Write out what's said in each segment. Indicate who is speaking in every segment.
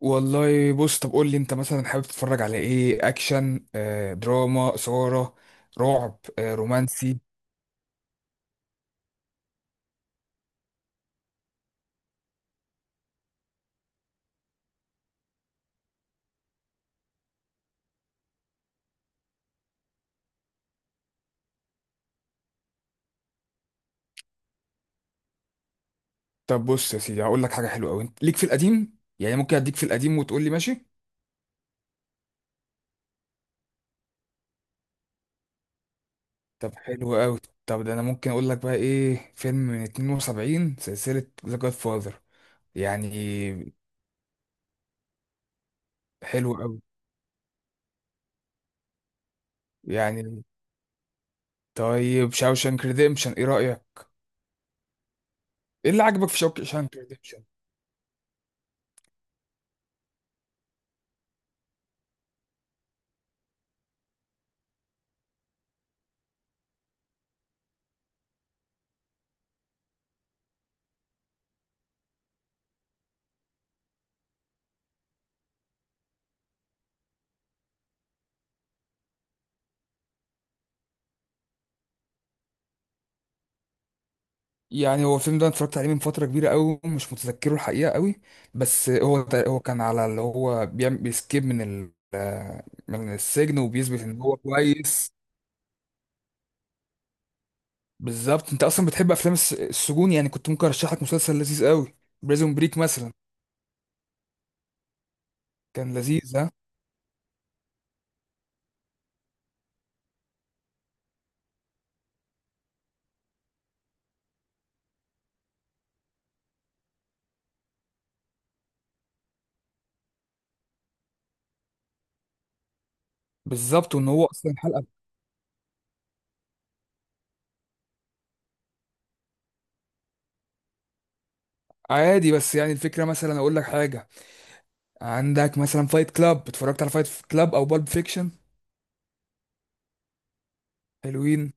Speaker 1: والله بص، طب قول لي انت مثلا حابب تتفرج على ايه؟ اكشن، دراما، اثاره، رعب، رومانسي؟ طب بص يا سيدي، هقول لك حاجه حلوه قوي. انت ليك في القديم يعني؟ ممكن اديك في القديم وتقول لي ماشي. طب حلو قوي. طب ده انا ممكن اقول لك بقى ايه؟ فيلم من 72، سلسله ذا جاد فاذر يعني. حلو قوي يعني. طيب شاوشانك ريديمشن، ايه رايك؟ ايه اللي عجبك في شاوشانك ريديمشن؟ يعني هو الفيلم ده أنا اتفرجت عليه من فترة كبيرة قوي، ومش متذكره الحقيقة قوي. بس هو كان على اللي هو بيعمل بيسكيب من من السجن، وبيثبت ان هو كويس. بالظبط، انت اصلا بتحب افلام السجون يعني؟ كنت ممكن ارشح لك مسلسل لذيذ قوي، بريزون بريك مثلا. كان لذيذ، ها؟ بالظبط، وان هو اصلا حلقة. عادي، بس يعني الفكرة مثلا اقول لك حاجة. عندك مثلا فايت كلاب، اتفرجت على فايت كلاب او بالب فيكشن؟ حلوين.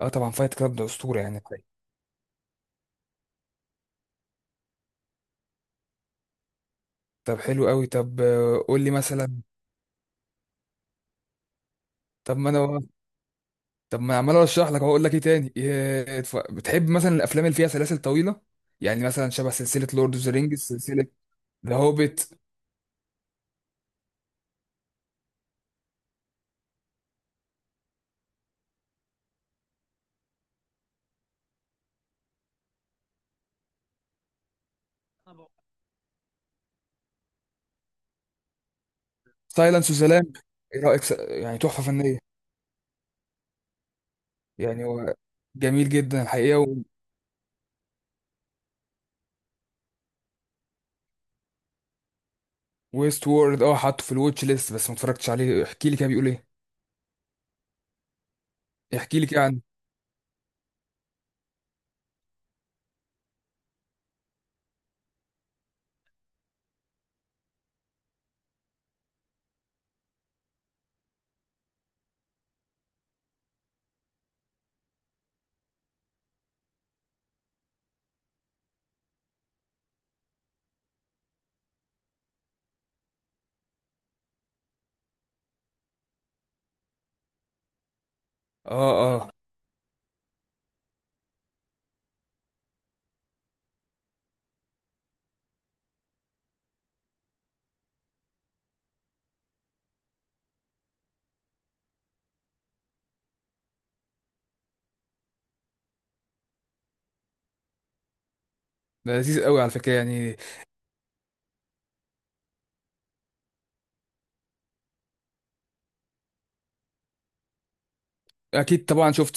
Speaker 1: اه طبعا، فايت كلاب ده اسطورة يعني. طيب، طب حلو قوي. طب قول لي مثلا. طب ما انا طب ما عمال اشرح لك اقول لك ايه تاني؟ بتحب مثلا الافلام اللي فيها سلاسل طويله؟ يعني مثلا شبه سلسله لورد اوف ذا رينجز، سلسله ذا هوبيت. سايلنس اوف ذا لامب، ايه رايك؟ يعني تحفه فنيه يعني. هو جميل جدا الحقيقه ويست وورد، اه حاطه في الواتش ليست، بس ما اتفرجتش عليه. احكي لي كده، بيقول ايه؟ احكي لي كده عنه. اه اه. ده لذيذ قوي على فكره يعني. اكيد طبعا شفت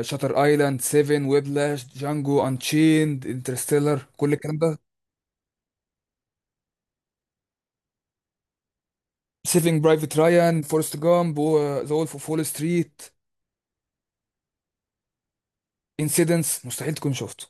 Speaker 1: شاتر ايلاند، سيفن، ويبلاش، جانجو انشيند، انترستيلر، كل الكلام ده. سيفينج برايفت رايان، فورست جامب، ذا وولف اوف وول ستريت. انسيدنس، مستحيل تكون شفته.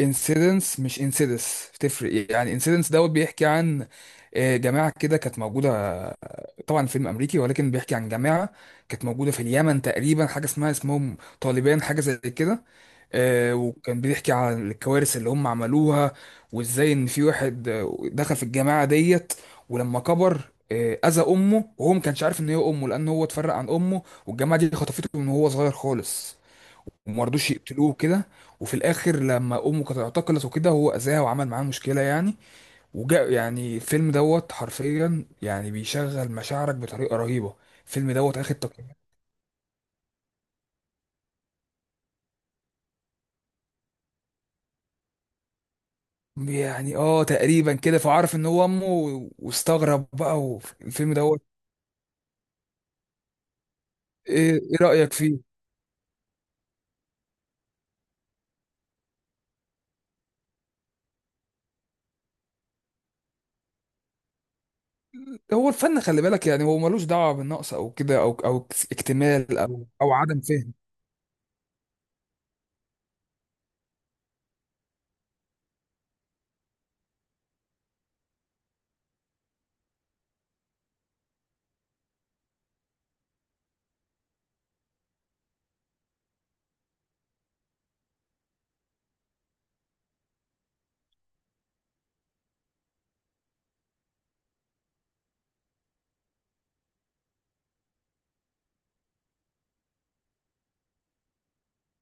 Speaker 1: انسيدنس مش انسيدس، تفرق يعني. انسيدنس دوت بيحكي عن جماعة كده كانت موجودة. طبعا فيلم أمريكي، ولكن بيحكي عن جماعة كانت موجودة في اليمن تقريبا، حاجة اسمهم طالبان، حاجة زي كده. وكان بيحكي عن الكوارث اللي هم عملوها، وازاي ان في واحد دخل في الجماعة ديت، ولما كبر أذى أمه، وهو ما كانش عارف إن هي أمه، لأن هو اتفرق عن أمه والجماعة دي خطفته من وهو صغير خالص. وما رضوش يقتلوه كده. وفي الاخر لما امه كانت اعتقلت وكده، هو اذاها وعمل معاه مشكله يعني. وجاء يعني الفيلم دوت حرفيا يعني بيشغل مشاعرك بطريقه رهيبه. الفيلم دوت اخد تقييم يعني اه تقريبا كده. فعرف ان هو امه، واستغرب بقى، والفيلم دوت، ايه؟ رايك فيه؟ هو الفن خلي بالك يعني، هو ملوش دعوه بالنقص او كده، او اكتمال او عدم فهم.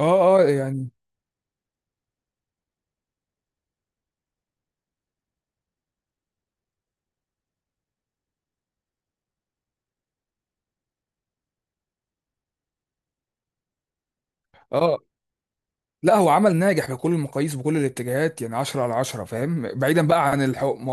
Speaker 1: اه يعني. اه، لا، هو عمل ناجح بكل المقاييس وبكل الاتجاهات يعني، 10 على 10، فاهم؟ بعيدا بقى عن الحكم.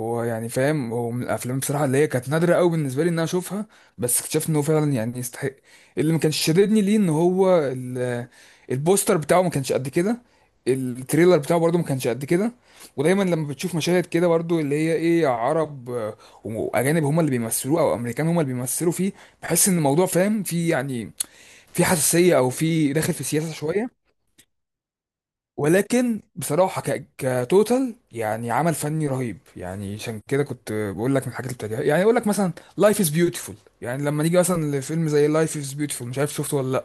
Speaker 1: هو يعني، فاهم، هو من الافلام بصراحه اللي هي كانت نادره قوي بالنسبه لي ان انا اشوفها، بس اكتشفت انه فعلا يعني يستحق. اللي ما كانش شددني ليه ان هو البوستر بتاعه ما كانش قد كده، التريلر بتاعه برضه ما كانش قد كده. ودايما لما بتشوف مشاهد كده برضه اللي هي ايه، عرب واجانب هم اللي بيمثلوه، او امريكان هم اللي بيمثلوا فيه، بحس ان الموضوع فاهم، في يعني في حساسيه، او في داخل في سياسه شويه. ولكن بصراحة، كتوتال يعني عمل فني رهيب يعني. عشان كده كنت بقول لك من الحاجات اللي بتعجبني، يعني اقول لك مثلا لايف از بيوتيفول. يعني لما نيجي مثلا لفيلم زي لايف از بيوتيفول، مش عارف شفته ولا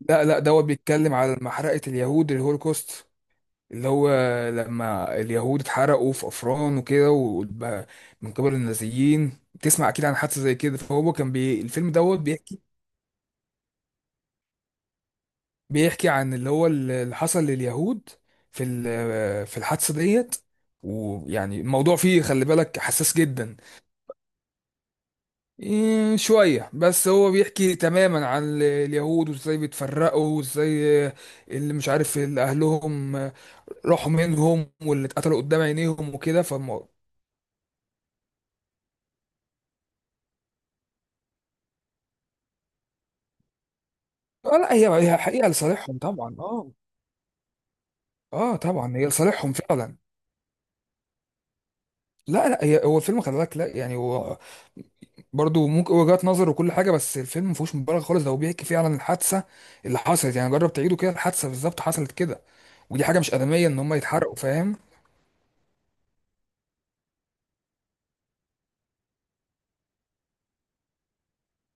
Speaker 1: لا. دوت بيتكلم على محرقة اليهود، الهولوكوست، اللي هو لما اليهود اتحرقوا في افران وكده، وبقى من قبل النازيين. تسمع اكيد عن حادثة زي كده. فهو كان الفيلم دوت بيحكي، بيحكي عن اللي هو اللي حصل لليهود في في الحادثة ديت. ويعني الموضوع فيه خلي بالك حساس جدا. شوية بس. هو بيحكي تماما عن اليهود وازاي بيتفرقوا، وازاي اللي مش عارف اللي أهلهم راحوا منهم، واللي اتقتلوا قدام عينيهم وكده. فالموضوع، لا هي حقيقة لصالحهم طبعا. اه، اه طبعا هي لصالحهم فعلا. لا هي، هو الفيلم خلي بالك، لا يعني، هو برضه ممكن وجهات نظر وكل حاجه، بس الفيلم ما فيهوش مبالغه خالص. ده هو بيحكي فعلا الحادثه اللي حصلت يعني. جرب تعيده كده، الحادثه بالظبط حصلت كده. ودي حاجه مش ادميه ان هم يتحرقوا، فاهم؟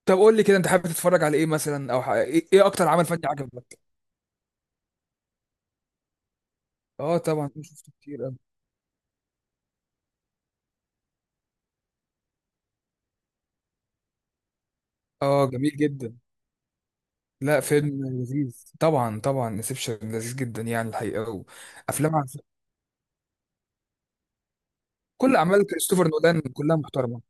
Speaker 1: طب قول لي كده، انت حابب تتفرج على ايه مثلا؟ ايه اكتر عمل فني عجبك؟ اه طبعا شفته كتير أوي. اه جميل جدا. لا، فيلم لذيذ طبعا، طبعا انسبشن لذيذ جدا يعني الحقيقه. وافلام عن- كل اعمال كريستوفر نولان كلها محترمه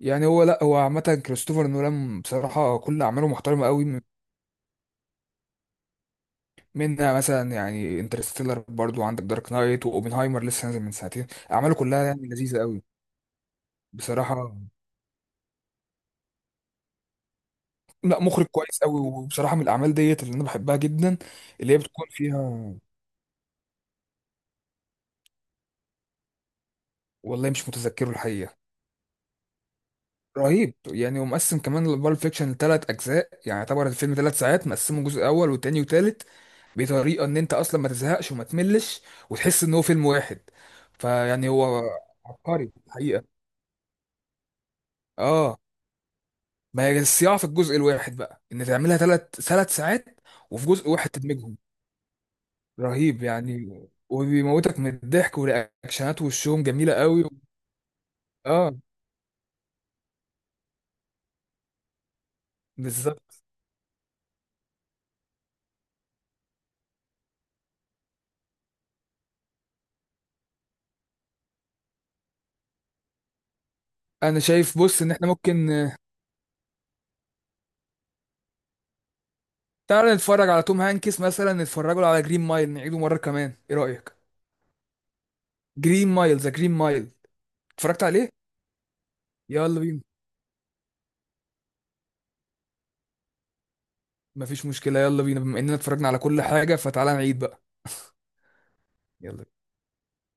Speaker 1: يعني. هو، لا هو عامة كريستوفر نولان بصراحة كل أعماله محترمة قوي. منها مثلا يعني انترستيلر، برضو عندك دارك نايت، وأوبنهايمر لسه نازل من ساعتين. أعماله كلها يعني لذيذة قوي. بصراحة لا، مخرج كويس قوي. وبصراحة من الأعمال ديت اللي أنا بحبها جدا اللي هي بتكون فيها. والله مش متذكره الحقيقة. رهيب يعني. ومقسم كمان بالب فيكشن لثلاث اجزاء، يعني يعتبر الفيلم ثلاث ساعات مقسمه، جزء اول وتاني وتالت، بطريقه ان انت اصلا ما تزهقش وما تملش، وتحس ان هو فيلم واحد. فيعني هو عبقري الحقيقه. اه، ما هي الصياعه في الجزء الواحد بقى، ان تعملها ثلاث ساعات، وفي جزء واحد تدمجهم. رهيب يعني. وبيموتك من الضحك، والرياكشنات وشهم جميله قوي. اه. بالظبط. انا شايف بص ان احنا ممكن، تعالى نتفرج على توم هانكس مثلا، نتفرجوا له على جرين مايل، نعيده مرة كمان، ايه رأيك؟ جرين مايل، ذا جرين مايل. اتفرجت عليه؟ يلا بينا. مفيش مشكلة، يلا بينا. بما اننا اتفرجنا على كل حاجة، فتعالى نعيد بقى. يلا.